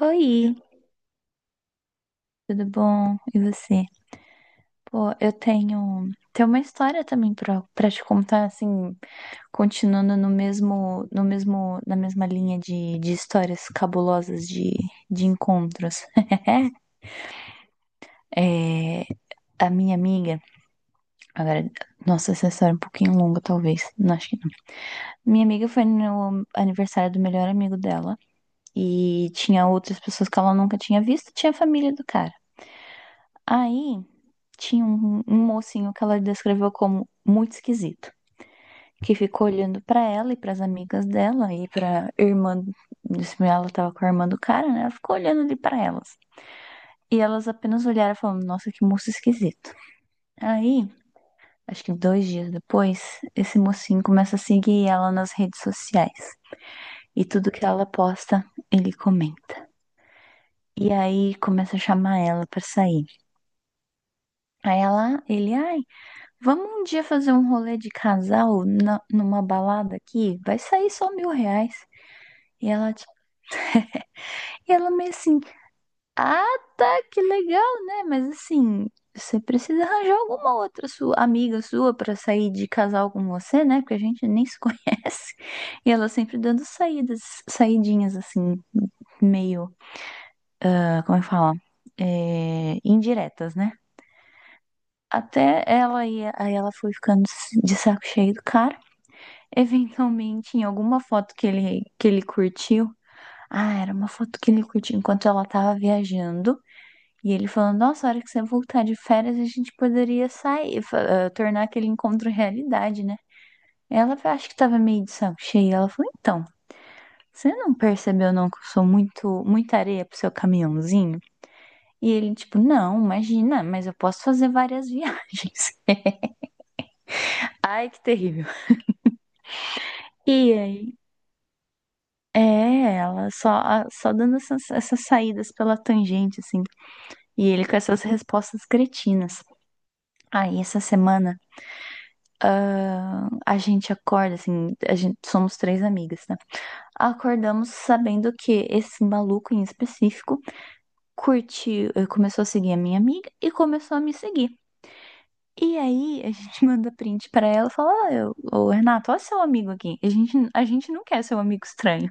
Oi, tudo bom? E você? Pô, eu tenho uma história também pra te contar, assim, continuando no mesmo, no mesmo, na mesma linha de histórias cabulosas de encontros. É, a minha amiga, agora, nossa, essa história é um pouquinho longa, talvez, não acho que não. Minha amiga foi no aniversário do melhor amigo dela e tinha outras pessoas que ela nunca tinha visto, tinha a família do cara. Aí tinha um mocinho que ela descreveu como muito esquisito, que ficou olhando pra ela e pras amigas dela e pra irmã, disse ela tava com a irmã do cara, né? Ela ficou olhando ali pra elas. E elas apenas olharam e falaram: "Nossa, que moço esquisito." Aí, acho que 2 dias depois, esse mocinho começa a seguir ela nas redes sociais. E tudo que ela posta, ele comenta. E aí começa a chamar ela pra sair. Aí vamos um dia fazer um rolê de casal numa balada aqui? Vai sair só R$ 1.000. E ela, ti- e ela meio assim, ah, tá, que legal, né? Mas assim, você precisa arranjar alguma outra sua amiga sua pra sair de casal com você, né? Porque a gente nem se conhece. E ela sempre dando saídas, saidinhas assim, meio, como é que fala? É, indiretas, né? Até ela ia, aí ela foi ficando de saco cheio do cara. Eventualmente, em alguma foto que ele curtiu. Ah, era uma foto que ele curtiu enquanto ela tava viajando. E ele falando, nossa, a hora que você voltar de férias, a gente poderia sair, tornar aquele encontro realidade, né? Ela acho que tava meio de saco cheio. Ela falou, então, você não percebeu não que eu sou muita areia pro seu caminhãozinho? E ele, tipo, não, imagina, mas eu posso fazer várias viagens. Ai, que terrível. E aí? É, ela só dando essas saídas pela tangente, assim. E ele com essas respostas cretinas. Aí, essa semana, a gente acorda, assim, somos três amigas, né? Acordamos sabendo que esse maluco em específico começou a seguir a minha amiga e começou a me seguir. E aí, a gente manda print pra ela e fala: "Ah, Ô, Renato, olha seu amigo aqui. A gente não quer seu amigo estranho.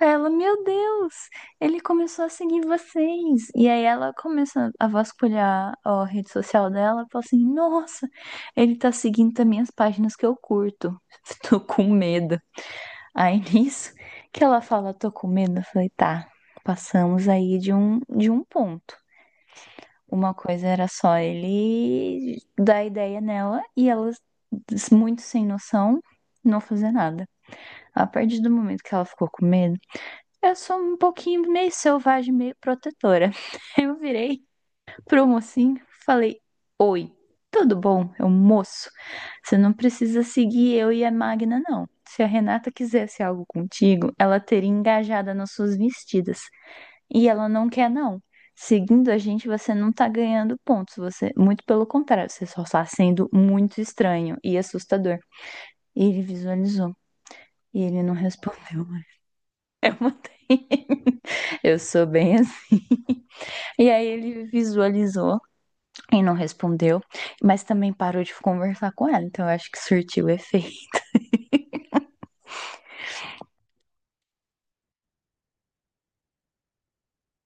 Ela, meu Deus, ele começou a seguir vocês. E aí ela começa a vasculhar a rede social dela, e fala assim: "Nossa, ele tá seguindo também as páginas que eu curto. Tô com medo." Aí nisso que ela fala: "Tô com medo." Eu falei: "Tá, passamos aí de um ponto." Uma coisa era só ele dar ideia nela e ela muito sem noção não fazer nada. A partir do momento que ela ficou com medo, eu sou um pouquinho meio selvagem, meio protetora. Eu virei pro mocinho, falei: Oi, tudo bom? Eu moço. Você não precisa seguir eu e a Magna, não. Se a Renata quisesse algo contigo, ela teria engajada nas suas vestidas. E ela não quer, não. Seguindo a gente, você não tá ganhando pontos. Você, muito pelo contrário, você só está sendo muito estranho e assustador. Ele visualizou e ele não respondeu. Eu mandei. Eu sou bem assim. E aí ele visualizou e não respondeu, mas também parou de conversar com ela, então eu acho que surtiu efeito.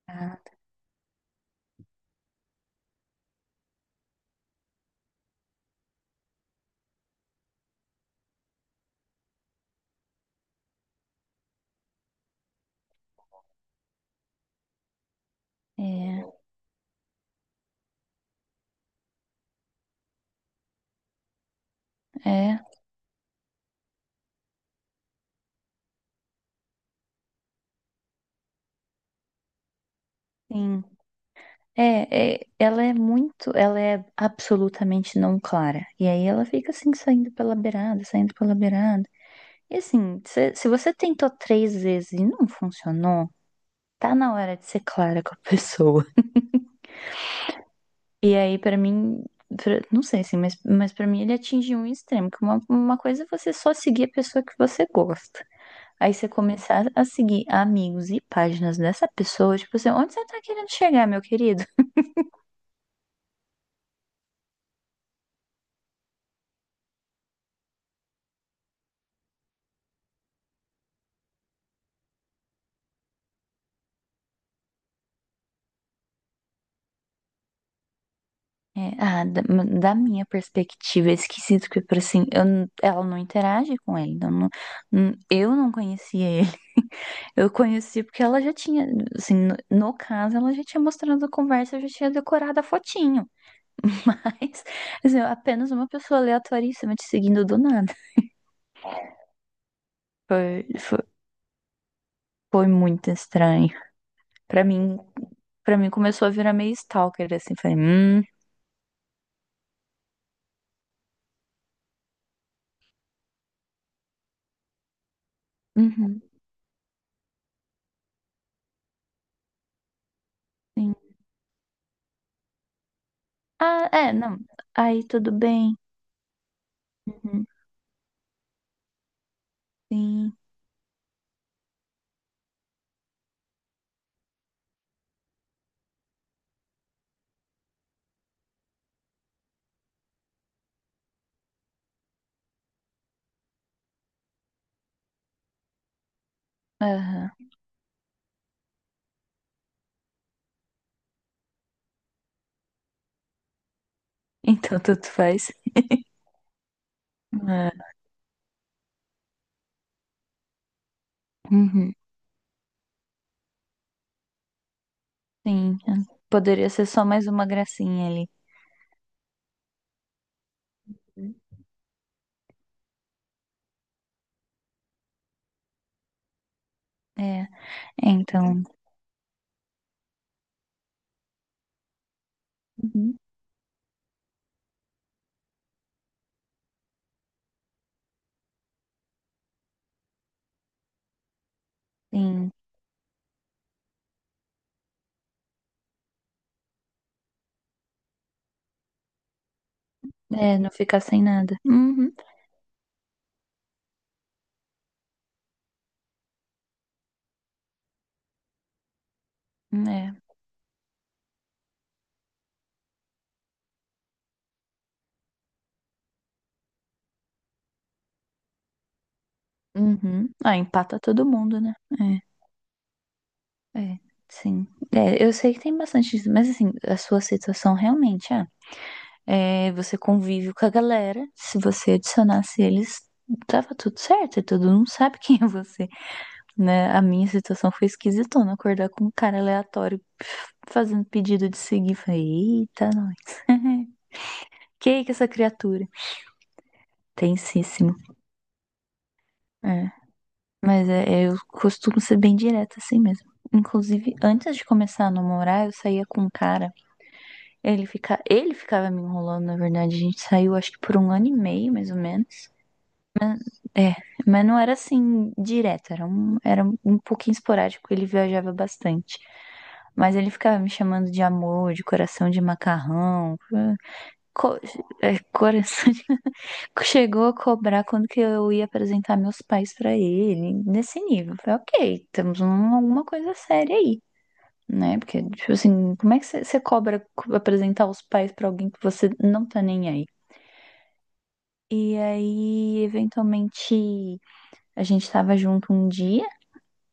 Ah, é, é, sim. É, é, ela é absolutamente não clara. E aí ela fica assim, saindo pela beirada, saindo pela beirada. E assim, se você tentou 3 vezes e não funcionou, tá na hora de ser clara com a pessoa. E aí, pra mim, não sei assim, mas para mim ele atingiu um extremo, que uma coisa é você só seguir a pessoa que você gosta. Aí você começar a seguir amigos e páginas dessa pessoa, tipo assim, onde você tá querendo chegar, meu querido? É, da minha perspectiva, é esquisito que, por assim, ela não interage com ele, eu não conhecia ele. Eu conheci porque ela já tinha, assim, no caso, ela já tinha mostrado a conversa, eu já tinha decorado a fotinho. Mas, assim, apenas uma pessoa aleatoríssima te seguindo do nada. Foi, foi, foi muito estranho. Pra mim, para mim começou a virar meio stalker, assim. Falei, uhum, sim. Ah, é, não. Aí, tudo bem. Uhum, sim. Aham. Então, tanto faz. Ah, uhum, sim. Poderia ser só mais uma gracinha ali. É, é, então. Uhum, sim. É, não ficar sem nada. Uhum, é. Uhum. Ah, empata todo mundo, né? É, é, sim. É, eu sei que tem bastante isso, mas assim, a sua situação realmente você convive com a galera, se você adicionasse eles, tava tudo certo, e todo mundo sabe quem é você, né? A minha situação foi esquisitona, acordar com um cara aleatório fazendo pedido de seguir, falei, eita, nós. Que é essa criatura? Tensíssimo. É. Mas eu costumo ser bem direta assim mesmo. Inclusive, antes de começar a namorar, eu saía com um cara. Ele ficava me enrolando, na verdade. A gente saiu, acho que por um ano e meio, mais ou menos. Mas, é, mas não era assim direto, era um pouquinho esporádico. Ele viajava bastante. Mas ele ficava me chamando de amor, de coração de macarrão, co- coração chegou a cobrar quando que eu ia apresentar meus pais pra ele, nesse nível. Eu falei, ok, temos alguma coisa séria aí, né? Porque, tipo assim, como é que você cobra apresentar os pais pra alguém que você não tá nem aí? E aí, eventualmente, a gente tava junto um dia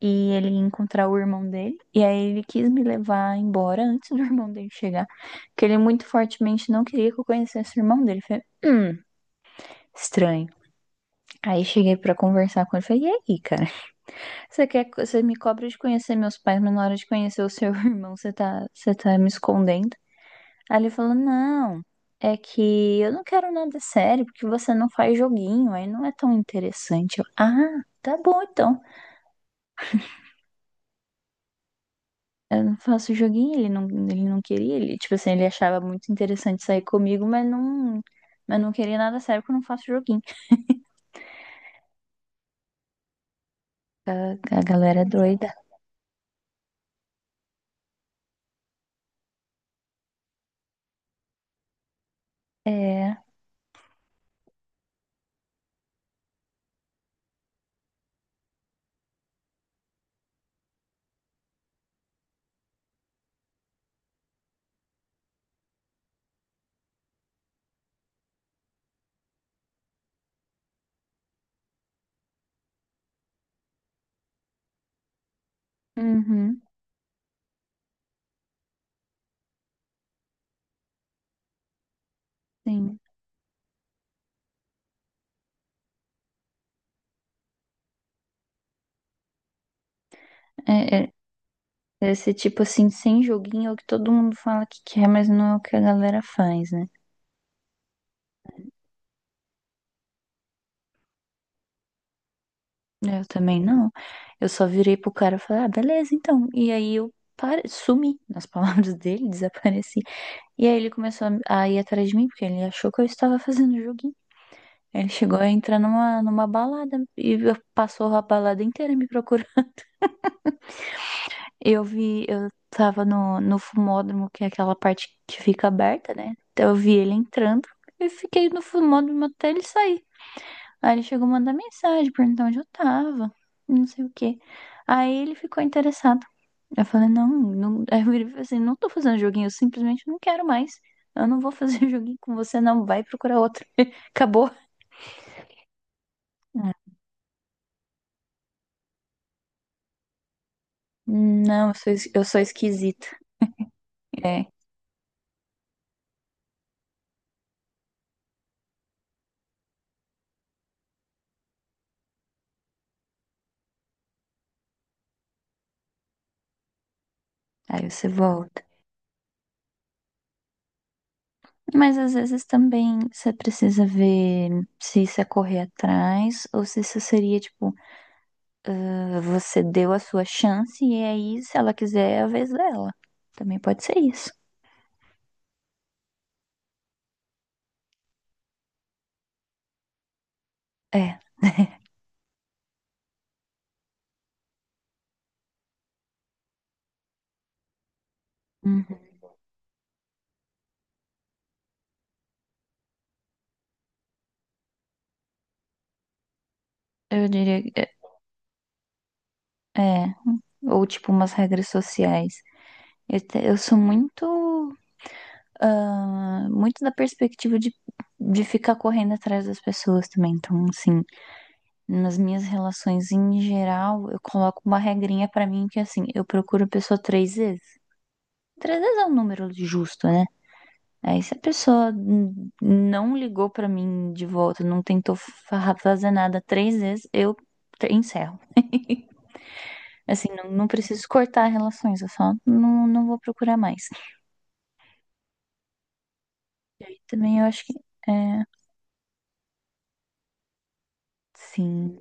e ele ia encontrar o irmão dele. E aí ele quis me levar embora antes do irmão dele chegar. Porque ele muito fortemente não queria que eu conhecesse o irmão dele. Eu falei, estranho. Aí cheguei pra conversar com ele e falei, e aí, cara? Você me cobra de conhecer meus pais, mas na hora de conhecer o seu irmão, você tá me escondendo. Aí ele falou: Não, é que eu não quero nada sério, porque você não faz joguinho, aí não é tão interessante. Eu, ah, tá bom então. Eu não faço joguinho, ele não queria, ele, tipo assim, ele achava muito interessante sair comigo, mas não queria nada sério porque eu não faço joguinho. A galera é doida. É, uhum, sim. É, é, esse tipo assim, sem joguinho, é o que todo mundo fala que quer, mas não é o que a galera faz, né? Eu também não. Eu só virei pro cara e falei, ah, beleza, então. E aí eu sumi, nas palavras dele, desapareci. E aí ele começou a ir atrás de mim, porque ele achou que eu estava fazendo joguinho. Ele chegou a entrar numa balada e passou a balada inteira me procurando. Eu vi, eu tava no fumódromo, que é aquela parte que fica aberta, né? Então eu vi ele entrando. Eu fiquei no fumódromo até ele sair. Aí ele chegou a mandar mensagem perguntando onde eu tava, não sei o quê. Aí ele ficou interessado. Eu falei, não, não. Aí eu virei e falei assim, não tô fazendo joguinho, eu simplesmente não quero mais. Eu não vou fazer joguinho com você, não. Vai procurar outro. Acabou. Ah, não, eu sou esquisita. É. Aí você volta. Mas às vezes também você precisa ver se isso é correr atrás ou se isso seria, tipo, você deu a sua chance e aí, se ela quiser, é a vez dela. Também pode ser isso. É. Uhum. Eu diria que é. É. Ou tipo umas regras sociais. Eu sou muito da perspectiva de, ficar correndo atrás das pessoas também. Então, assim, nas minhas relações em geral, eu coloco uma regrinha pra mim que é assim, eu procuro a pessoa 3 vezes. 3 vezes é um número justo, né? Aí se a pessoa não ligou pra mim de volta, não tentou fazer nada 3 vezes, eu encerro. Assim, não, não preciso cortar relações, eu só não, não vou procurar mais. E aí também eu acho que é, sim,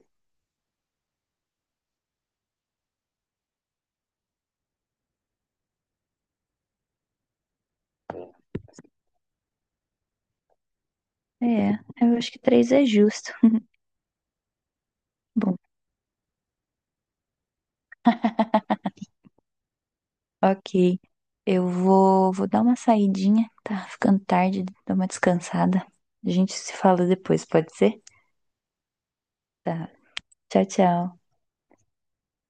é, eu acho que três é justo. Bom, ok. Eu vou dar uma saidinha, tá ficando tarde, dar uma descansada. A gente se fala depois, pode ser? Tá. Tchau, tchau.